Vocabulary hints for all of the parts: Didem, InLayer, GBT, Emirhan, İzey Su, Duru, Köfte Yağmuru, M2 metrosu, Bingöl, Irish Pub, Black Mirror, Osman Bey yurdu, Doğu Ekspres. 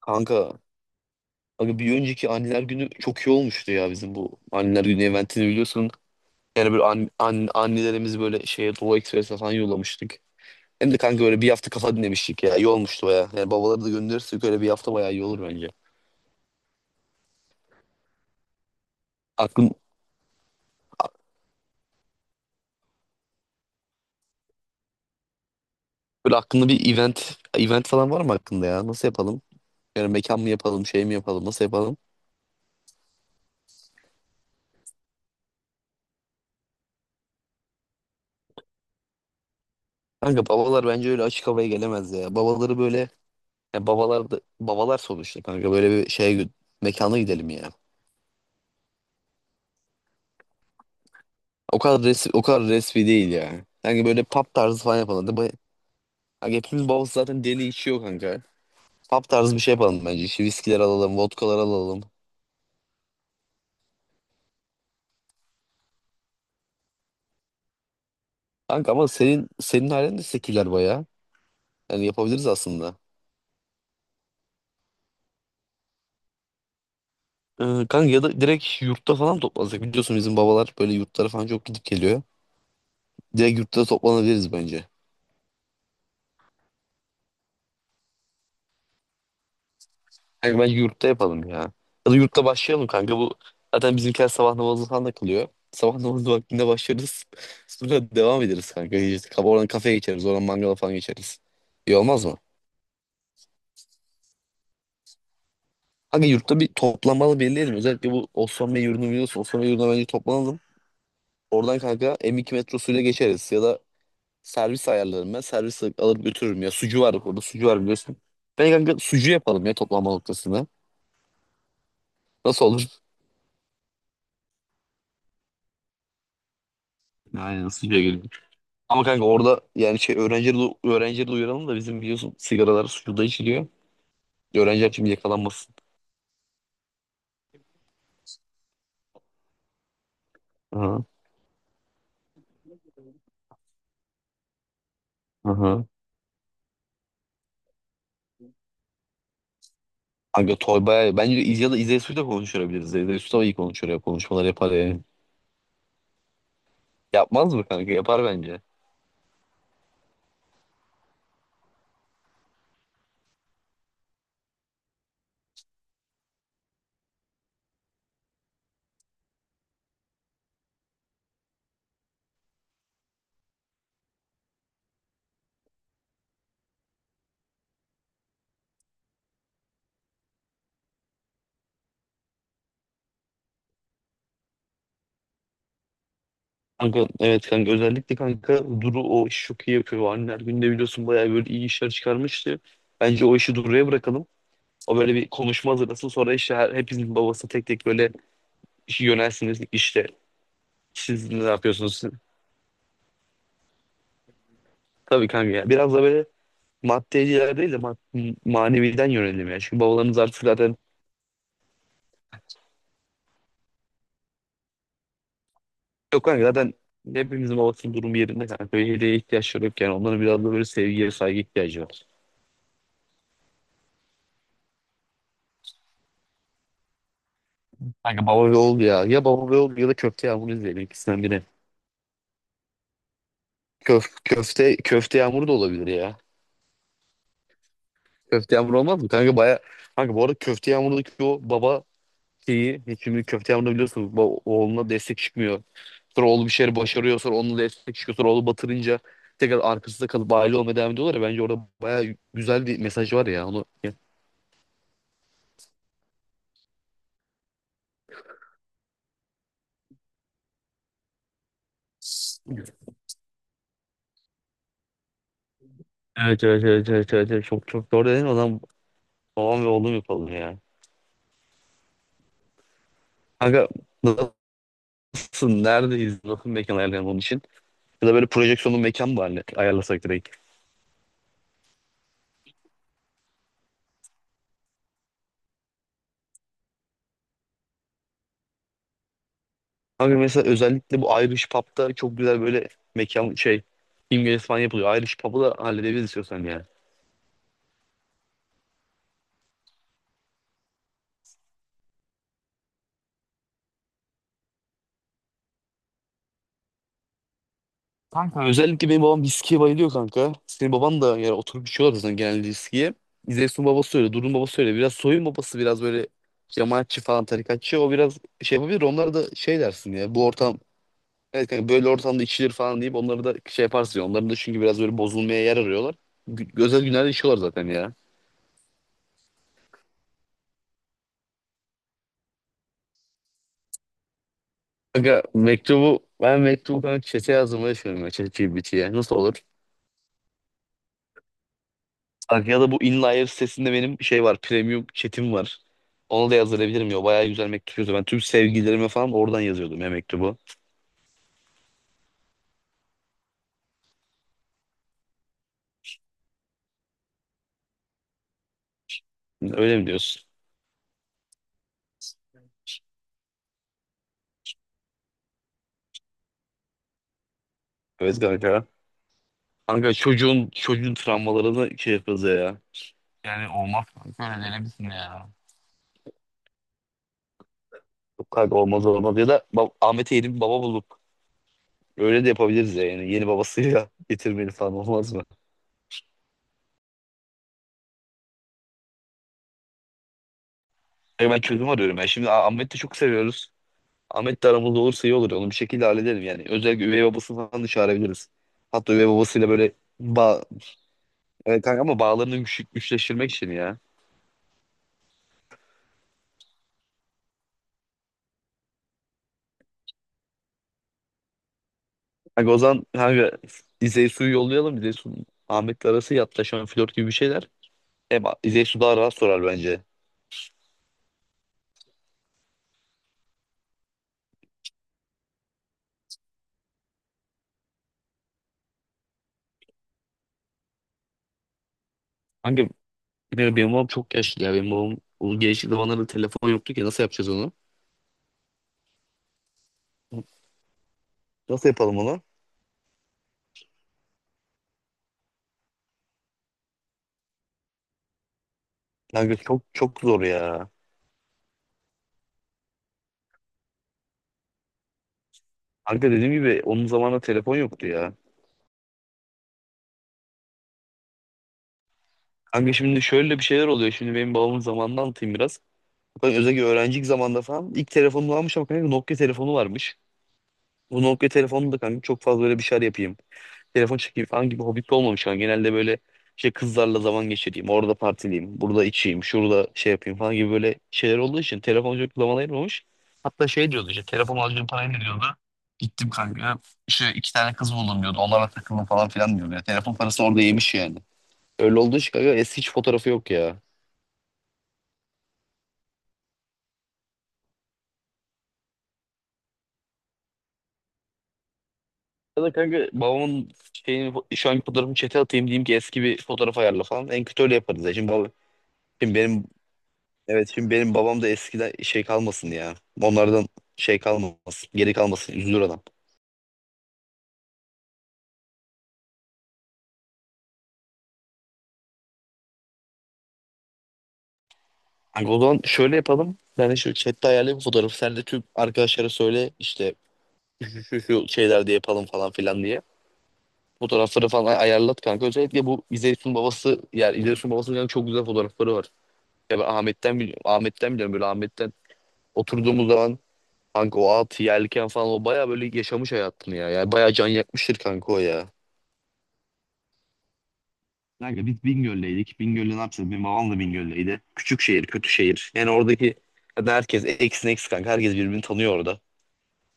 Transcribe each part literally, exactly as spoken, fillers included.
Kanka, abi bir önceki anneler günü çok iyi olmuştu ya bizim bu anneler günü eventini biliyorsun. Yani böyle an, an- annelerimizi böyle şeye Doğu Ekspres'e falan yollamıştık. Hem de kanka böyle bir hafta kafa dinlemiştik ya. İyi olmuştu baya. Yani babaları da gönderirsek öyle bir hafta baya iyi olur bence. Aklın, Böyle aklında bir event event falan var mı aklında ya? Nasıl yapalım? Yani mekan mı yapalım, şey mi yapalım, nasıl yapalım? Kanka babalar bence öyle açık havaya gelemez ya. Babaları böyle, yani babalar da, babalar sonuçta kanka böyle bir şeye gö- mekana gidelim ya. O kadar resmi, o kadar resmi değil yani. Sanki böyle pub tarzı falan yapalım. Hadi bay- Hani hepimiz babası zaten deli içiyor kanka. Pub tarzı bir şey yapalım bence. İşte viskiler alalım, vodkalar alalım. Kanka ama senin senin halen de seküler bayağı. Yani yapabiliriz aslında. Ee, kanka ya da direkt yurtta falan toplansak. Biliyorsun bizim babalar böyle yurtlara falan çok gidip geliyor. Direkt yurtta toplanabiliriz bence. Kanka bence yurtta yapalım ya. Ya da yurtta başlayalım kanka. Bu zaten bizimkiler sabah namazı falan da kılıyor. Sabah namazı vaktinde başlarız. Sonra devam ederiz kanka. İşte kaf- oradan kafeye geçeriz. Oradan mangala falan geçeriz. İyi olmaz mı? Kanka yurtta bir toplanmalı belirleyelim. Özellikle bu Osman Bey yurdunu biliyorsun. Osman Bey yurduna bence toplanalım. Oradan kanka m iki metrosuyla geçeriz. Ya da servis ayarlarım ben. Servis alır götürürüm ya. Sucu var orada. Sucu var biliyorsun. Ben kanka sucu yapalım ya toplanma noktasında. Nasıl olur? Aynen sucuya. Ama kanka orada yani şey öğrencileri, du- öğrencileri duyuralım da bizim biliyorsun sigaralar suda içiliyor. Öğrenciler şimdi yakalanmasın. Hı hı. Kanka Toy bayağı bence İz- ya da İzey Su'yla konuşturabiliriz. İzey Su da iyi konuşur ya, konuşmalar yapar yani. Yapmaz mı kanka? Yapar bence. Kanka evet kanka, özellikle kanka Duru o işi çok iyi yapıyor. Anneler Günü'nde biliyorsun bayağı böyle iyi işler çıkarmıştı. Bence o işi Duru'ya bırakalım. O böyle bir konuşma hazırlasın. Sonra işte her, hepinizin babası tek tek böyle işi yönelsiniz. İşte siz ne yapıyorsunuz? Tabii kanka ya. Biraz da böyle maddeciler değil de ma- maneviden yönelim ya. Çünkü babalarımız artık zaten yok kanka, zaten hepimizin babasının durumu yerinde kanka. Böyle hediyeye ihtiyaçları yok yani. Onların biraz da böyle sevgiye saygı ihtiyacı var. Kanka baba ve oğul ya. Ya baba ve oğul ya da köfte yağmuru izleyelim, ikisinden biri. Köf köfte köfte yağmuru da olabilir ya. Köfte yağmuru olmaz mı? Kanka baya, kanka bu arada köfte yağmurundaki o baba şeyi, şimdi köfte yağmurunda biliyorsunuz ba- oğluna destek çıkmıyor. Sonra oğlu bir şeyleri başarıyor. Sonra onunla da destek çıkıyor. Sonra oğlu batırınca tekrar arkasında kalıp aile olmaya devam ediyorlar ya. Bence orada baya güzel bir mesaj var ya. Onu... Evet, evet, evet, evet, evet. Evet. Çok çok doğru dedin. O zaman babam ve oğlum yapalım ya. Kanka nasılsın? Neredeyiz? Nasıl mekan ayarlayalım onun için? Ya da böyle projeksiyonlu mekan mı ayarla- ayarlasak direkt? Kanka mesela özellikle bu Irish Pub'da çok güzel böyle mekan şey, İngiliz falan yapılıyor. Irish Pub'u da halledebiliriz istiyorsan yani. Kanka özellikle benim babam viskiye bayılıyor kanka. Senin baban da yani, oturup içiyorlar zaten genelde viskiye. İzeysun babası öyle, Durun babası öyle. Biraz soyun babası biraz böyle cemaatçi falan, tarikatçı. O biraz şey yapabilir. Onlara da şey dersin ya, bu ortam, evet kanka böyle ortamda içilir falan deyip onları da şey yaparsın ya. Onların da çünkü biraz böyle bozulmaya yer arıyorlar. Gü- Özel günlerde içiyorlar zaten ya. Kanka mektubu, ben mektubu kanka çete yazdım, öyle söylüyorum ya, çete G B T'ye. Nasıl olur? Bak, ya da bu InLayer sitesinde benim şey var. Premium chat'im var. Onu da yazdırabilirim ya. Bayağı güzel mektup yazıyor. Ben tüm sevgililerime falan oradan yazıyordum ya mektubu. Öyle mi diyorsun? Evet kanka. Kanka çocuğun çocuğun travmalarını şey yapıyoruz ya. Yani olmaz kanka, öyle denemişsin ya. Yok kanka, olmaz olmaz, ya da bab- Ahmet'e yeni bir baba bulup öyle de yapabiliriz ya, yani yeni babasıyla getirmeli falan, olmaz mı? Ya ben çözüm arıyorum ya, şimdi Ah- Ahmet'i de çok seviyoruz. Ahmet de aramızda olursa iyi olur. Onu bir şekilde hallederim yani. Özellikle üvey babasını falan da çağırabiliriz. Hatta üvey babasıyla böyle bağ e, kanka ama bağlarını güç güçleştirmek için ya. Kanka o zaman kanka İzey suyu yollayalım. İzey su Ahmet'le arası yatlaşan flört gibi bir şeyler. Hem İzey su daha rahat sorar bence. Kanka benim, benim babam çok yaşlı ya. Benim babam o gençlik zamanlarda telefon yoktu ki, nasıl yapacağız onu? Nasıl yapalım onu? Kanka çok çok zor ya. Kanka dediğim gibi onun zamanında telefon yoktu ya. Kanka şimdi şöyle bir şeyler oluyor. Şimdi benim babamın zamanını anlatayım biraz. Kanka özellikle öğrencilik zamanında falan ilk telefonunu almış, ama kanka Nokia telefonu varmış. Bu Nokia telefonu da kanka çok fazla böyle bir şeyler yapayım, telefon çekeyim falan gibi hobbit olmamış kanka. Genelde böyle şey, kızlarla zaman geçireyim, orada partileyim, burada içeyim, şurada şey yapayım falan gibi böyle şeyler olduğu için telefon çok zaman ayırmamış. Hatta şey diyordu, işte telefon alacağım parayı ne diyordu. Gittim kanka, işte iki tane kız buldum diyordu. Onlarla takıldım falan filan diyordu. Ya, telefon parasını orada yemiş yani. Öyle olduğu için kanka eski hiç fotoğrafı yok ya. Ya da kanka babamın şeyini, şu anki fotoğrafını chat'e atayım, diyeyim ki eski bir fotoğraf ayarla falan. En kötü öyle yaparız ya. Şimdi, baba, şimdi benim evet, şimdi benim babam da eskiden şey kalmasın ya. Onlardan şey kalmasın. Geri kalmasın. Üzülür adam. Kanka o zaman şöyle yapalım. Ben de şu chat'te ayarlayayım fotoğrafı. Sen de tüm arkadaşlara söyle, işte şu şu şu şeylerde yapalım falan filan diye. Fotoğrafları falan ay- ayarlat kanka. Özellikle bu İzeysun babası, yani İzeysun babasının yani çok güzel fotoğrafları var. Ya ben Ahmet'ten biliyorum. Ahmet'ten biliyorum, böyle Ahmet'ten oturduğumuz zaman. Kanka o at yelken falan, o baya böyle yaşamış hayatını ya. Yani baya can yakmıştır kanka o ya. Kanka biz Bingöl'deydik. Bingöl'de ne yapacağız? Benim babam da Bingöl'deydi. Küçük şehir, kötü şehir. Yani oradaki, yani herkes eksin eks kanka. Herkes birbirini tanıyor orada.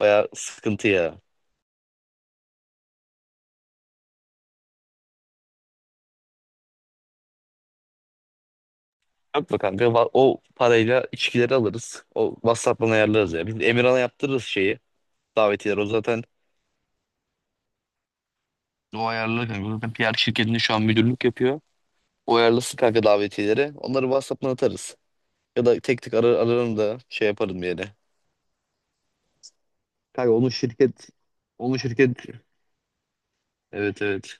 Baya sıkıntı ya. Yapma kanka, va- o parayla içkileri alırız. O WhatsApp'tan ayarlarız ya. Biz Emirhan'a yaptırırız şeyi. Davetiyeleri. O zaten o ayarlı kanka. O zaten P R şirketinde şu an müdürlük yapıyor. O ayarlasın kanka davetiyeleri. Onları WhatsApp'tan atarız. Ya da tek tek arar, ararım da şey yaparım yani. Kanka onun şirket onun şirket, evet evet.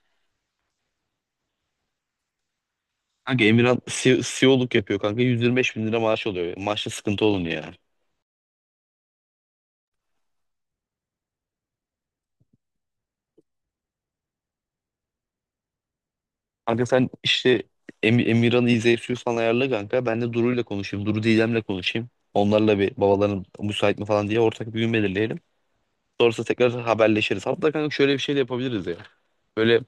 Kanka Emirhan C- CEO'luk yapıyor kanka, yüz yirmi beş bin lira maaş oluyor. Maaşta sıkıntı olun ya. Kanka sen işte Em Emirhan'ı izleyip falan ayarla kanka. Ben de Duru'yla konuşayım. Duru Didem'le konuşayım. Onlarla bir, babaların müsait mi falan diye ortak bir gün belirleyelim. Sonrasında tekrar haberleşiriz. Hatta kanka şöyle bir şey de yapabiliriz ya. Böyle,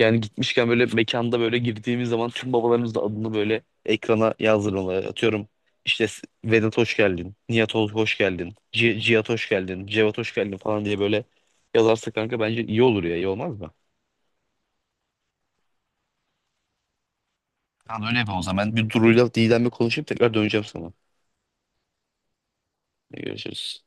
yani gitmişken böyle mekanda böyle girdiğimiz zaman tüm babalarımız da adını böyle ekrana yazdırmalar. Atıyorum işte, S- Vedat hoş geldin, Nihat ol- hoş geldin, C Cihat hoş geldin, Cevat hoş geldin falan diye böyle yazarsa kanka bence iyi olur ya, iyi olmaz mı? Tamam, öyle yapalım o zaman. Ben bir Duru'yla Didem'le konuşup tekrar döneceğim sana. Görüşürüz.